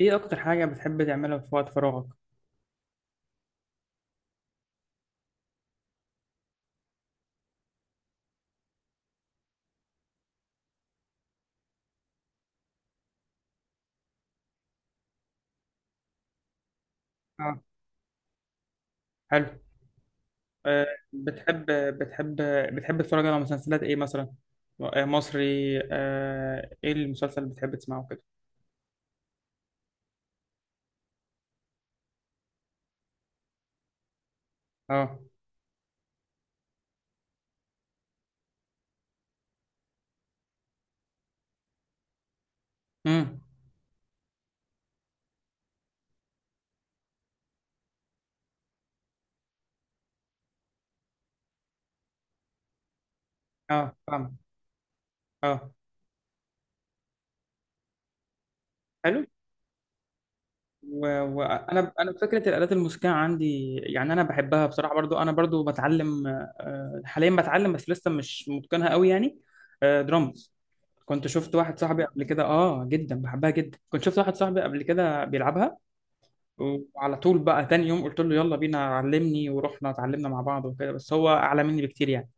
ايه اكتر حاجة بتحب تعملها في وقت فراغك؟ اه. حلو. أه. بتحب بتحب بتحب تتفرج على مسلسلات ايه مثلا؟ آه، مصري. أه، ايه المسلسل اللي بتحب تسمعه كده؟ اه. امم. اه، فاهم. اه، حلو. وانا انا أنا فكره الالات الموسيقيه عندي، يعني انا بحبها بصراحه. برضو انا برضو بتعلم، حاليا بتعلم، بس لسه مش متقنها قوي يعني. آه، درامز. كنت شفت واحد صاحبي قبل كده جدا بحبها جدا، كنت شفت واحد صاحبي قبل كده بيلعبها، وعلى طول بقى تاني يوم قلت له يلا بينا علمني، ورحنا اتعلمنا مع بعض وكده، بس هو اعلى مني بكتير يعني.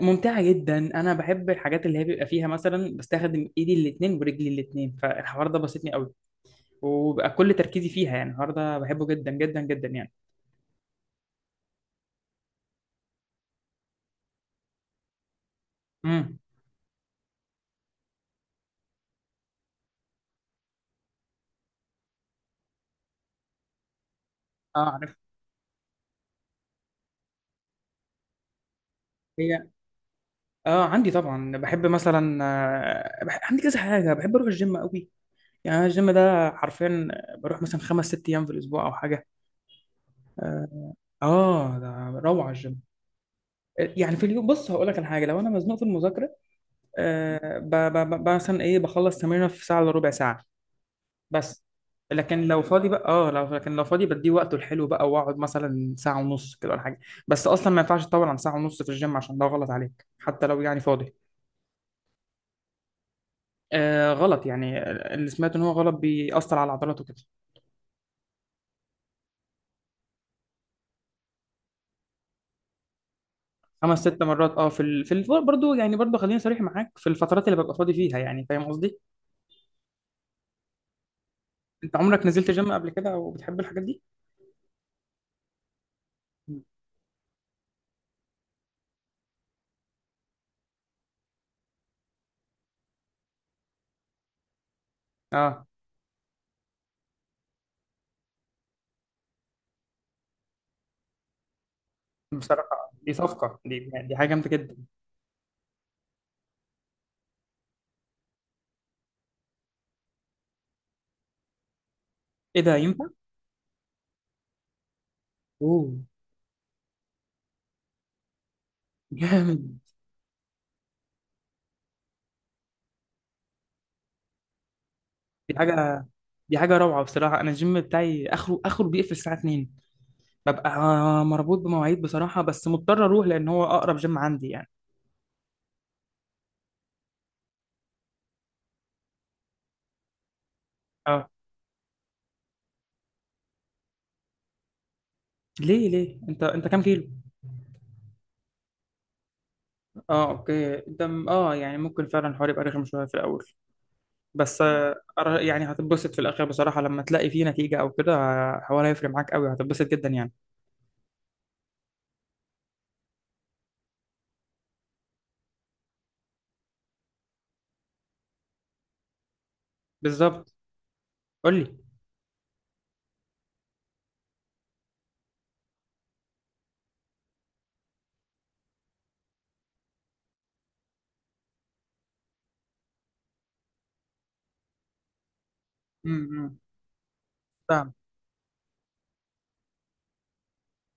ممتعة جدا، انا بحب الحاجات اللي هي بيبقى فيها مثلا بستخدم ايدي الاتنين ورجلي الاتنين، فالحوار ده بسطني قوي وبقى كل تركيزي فيها يعني. الحوار ده بحبه جدا جدا جدا يعني. امم. اه، عارف. هي. اه، عندي طبعا بحب مثلا. عندي كذا حاجة، بحب اروح الجيم قوي، يعني أنا الجيم ده حرفيا بروح مثلا خمس ست ايام في الاسبوع او حاجة. اه. آه، ده روعة الجيم. يعني في اليوم، بص هقول لك على حاجه: لو انا مزنوق في المذاكره، مثلا ايه بخلص تمرينه في ساعه الا ربع ساعه. بس. لكن لو فاضي بقى، لو فاضي بديه وقته الحلو بقى، واقعد مثلا ساعه ونص كده ولا حاجه. بس اصلا ما ينفعش تطول عن ساعه ونص في الجيم، عشان ده غلط عليك حتى لو يعني فاضي. آه، غلط يعني، اللي سمعت ان هو غلط بيأثر على العضلات وكده. خمس ست مرات برضه يعني، برضه خليني صريح معاك، في الفترات اللي ببقى فاضي فيها يعني، فاهم قصدي. انت عمرك نزلت جيم قبل كده؟ او بتحب الحاجات دي؟ اه. بصراحة دي صفقة، دي يعني دي حاجة جامدة جدا. ايه ده ينفع؟ اوه، جامد. دي حاجة دي حاجة روعة بصراحة. انا الجيم بتاعي اخره اخره بيقفل الساعة 2. ببقى مربوط بمواعيد بصراحة، بس مضطر اروح لان هو اقرب جيم عندي يعني. اه. ليه ليه؟ انت كام كيلو؟ اه، اوكي. ده م- اه يعني ممكن فعلا الحوار يبقى رخم شوية في الاول، بس آه، يعني هتتبسط في الاخر بصراحة لما تلاقي فيه نتيجة او كده. آه، الحوار هيفرق معاك قوي، هتتبسط جدا يعني. بالظبط. قول لي. امم.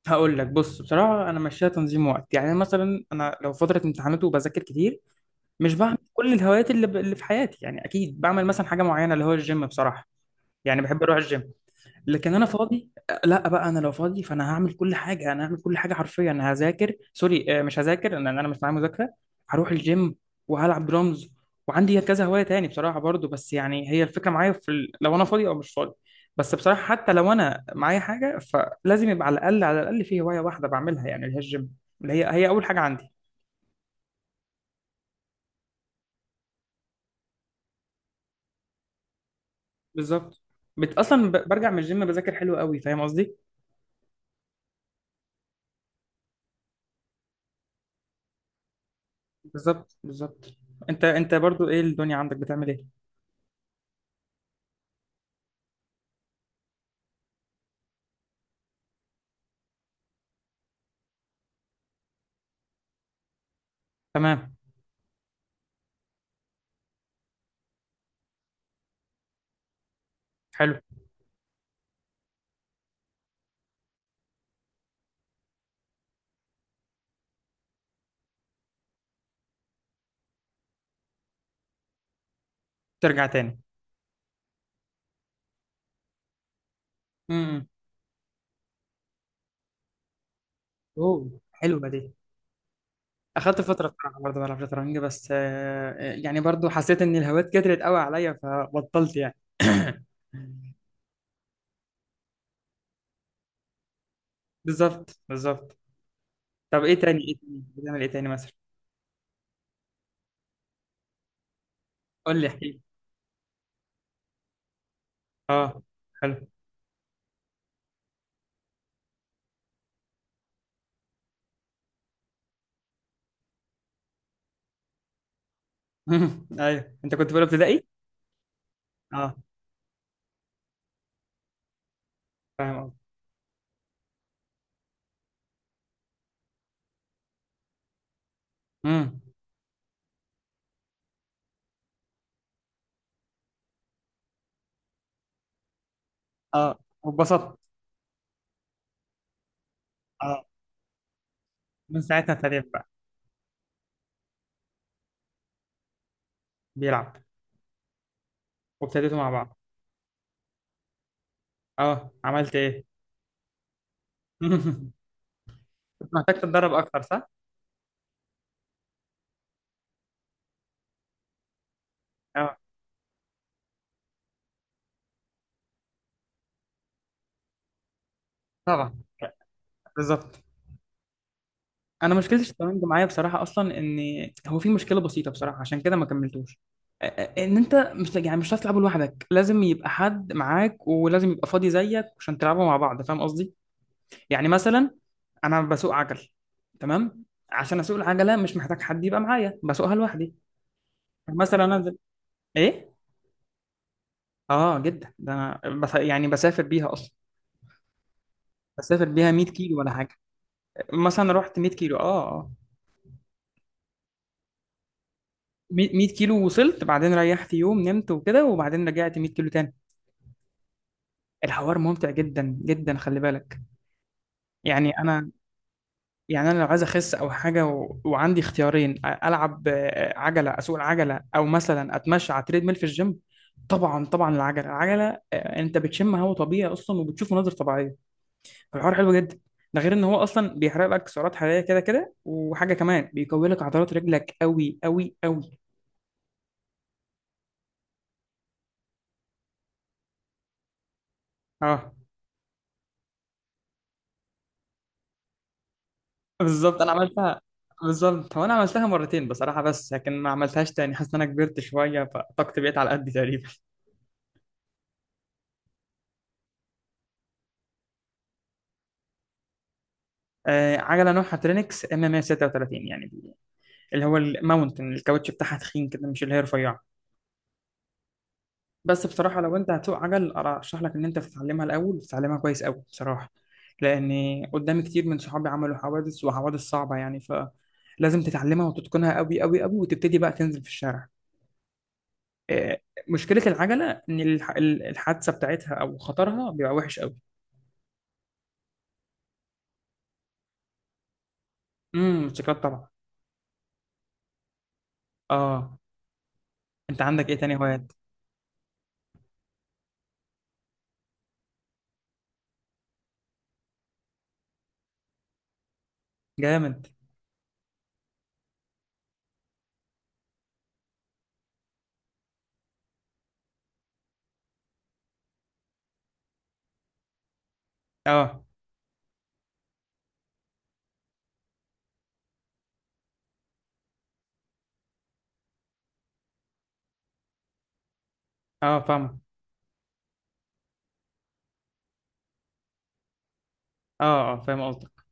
هقول لك، بص بصراحة أنا ماشيها تنظيم وقت. يعني مثلا أنا لو فترة امتحانات وبذاكر كتير، مش بعمل كل الهوايات اللي في حياتي يعني. أكيد بعمل مثلا حاجة معينة، اللي هو الجيم بصراحة، يعني بحب أروح الجيم. لكن انا فاضي، لا بقى انا لو فاضي فانا هعمل كل حاجه، انا هعمل كل حاجه حرفيا. انا هذاكر سوري، مش هذاكر لان انا مش معايا مذاكره. هروح الجيم، وهلعب درامز، وعندي كذا هوايه تاني بصراحه برضو. بس يعني هي الفكره معايا في لو انا فاضي او مش فاضي، بس بصراحه حتى لو انا معايا حاجه فلازم يبقى على الاقل على الاقل في هوايه واحده بعملها، يعني اللي هي الجيم، اللي هي اول حاجه عندي. بالظبط. برجع من الجيم بذاكر حلو قوي، فاهم قصدي. بالظبط بالظبط. انت برضو ايه الدنيا عندك؟ بتعمل ايه؟ تمام. حلو. ترجع تاني. امم. اوه، حلوه دي. اخدت فتره بصراحه، برضه بلعب شطرنج، بس آه، يعني برضه حسيت ان الهوايات كترت قوي عليا فبطلت يعني. بالظبط بالظبط. طب ايه تاني؟ بتعمل ايه تاني مثلا؟ قول لي، احكي لي. اه، حلو. ايوه، انت كنت في اولى ابتدائي. اه، فاهم قصدي. امم. اه، واتبسطت. اه، من ساعتها ابتديت بقى. بيلعب. وابتديتوا مع بعض. اه، عملت ايه؟ كنت محتاج تتدرب اكتر، صح؟ اه، طبعا. بالظبط. انا مشكله الشطرنج معايا بصراحه، اصلا ان هو في مشكله بسيطه بصراحه، عشان كده ما كملتوش. ان انت مش يعني مش هتعرف تلعبه لوحدك، لازم يبقى حد معاك ولازم يبقى فاضي زيك عشان تلعبوا مع بعض، فاهم قصدي. يعني مثلا انا بسوق عجل، تمام؟ عشان اسوق العجله مش محتاج حد يبقى معايا، بسوقها لوحدي. يعني مثلا انزل. ايه؟ اه جدا، ده انا بس يعني بسافر بيها اصلا. بسافر بيها 100 كيلو ولا حاجه. مثلا رحت 100 كيلو. اه، اه. 100 كيلو وصلت، بعدين ريحت يوم نمت وكده، وبعدين رجعت 100 كيلو تاني. الحوار ممتع جدا جدا، خلي بالك. يعني انا، يعني انا لو عايز اخس او حاجه، وعندي اختيارين، العب، عجله، اسوق العجله، او مثلا اتمشى على تريد ميل في الجيم. طبعا طبعا، العجله العجله. آه، انت بتشم هواء طبيعي اصلا، وبتشوف مناظر طبيعيه، فالحوار حلو جدا. ده غير ان هو اصلا بيحرق لك سعرات حراريه كده كده، وحاجه كمان بيقوي لك عضلات رجلك قوي قوي قوي. اه، بالظبط، انا عملتها. بالظبط، هو انا عملتها مرتين بصراحه، بس لكن ما عملتهاش تاني، حاسس ان انا كبرت شويه فطاقتي بقت على قد تقريبا. آه، عجله نوعها ترينكس ام ام 36 يعني، اللي هو الماونتن، الكاوتش بتاعها تخين كده مش اللي هي رفيعه. بس بصراحه لو انت هتسوق عجل، ارشح لك ان انت تتعلمها الاول، وتتعلمها كويس قوي بصراحه، لان قدامي كتير من صحابي عملوا حوادث، وحوادث صعبه يعني، فلازم تتعلمها وتتقنها قوي قوي قوي، وتبتدي بقى تنزل في الشارع. آه، مشكله العجله ان الحادثه بتاعتها او خطرها بيبقى وحش قوي. امم، موتوسيكلات طبعا. اه، انت عندك ايه تاني هوايات؟ جامد. اه اه، فاهم. اه اه، فاهم قصدك.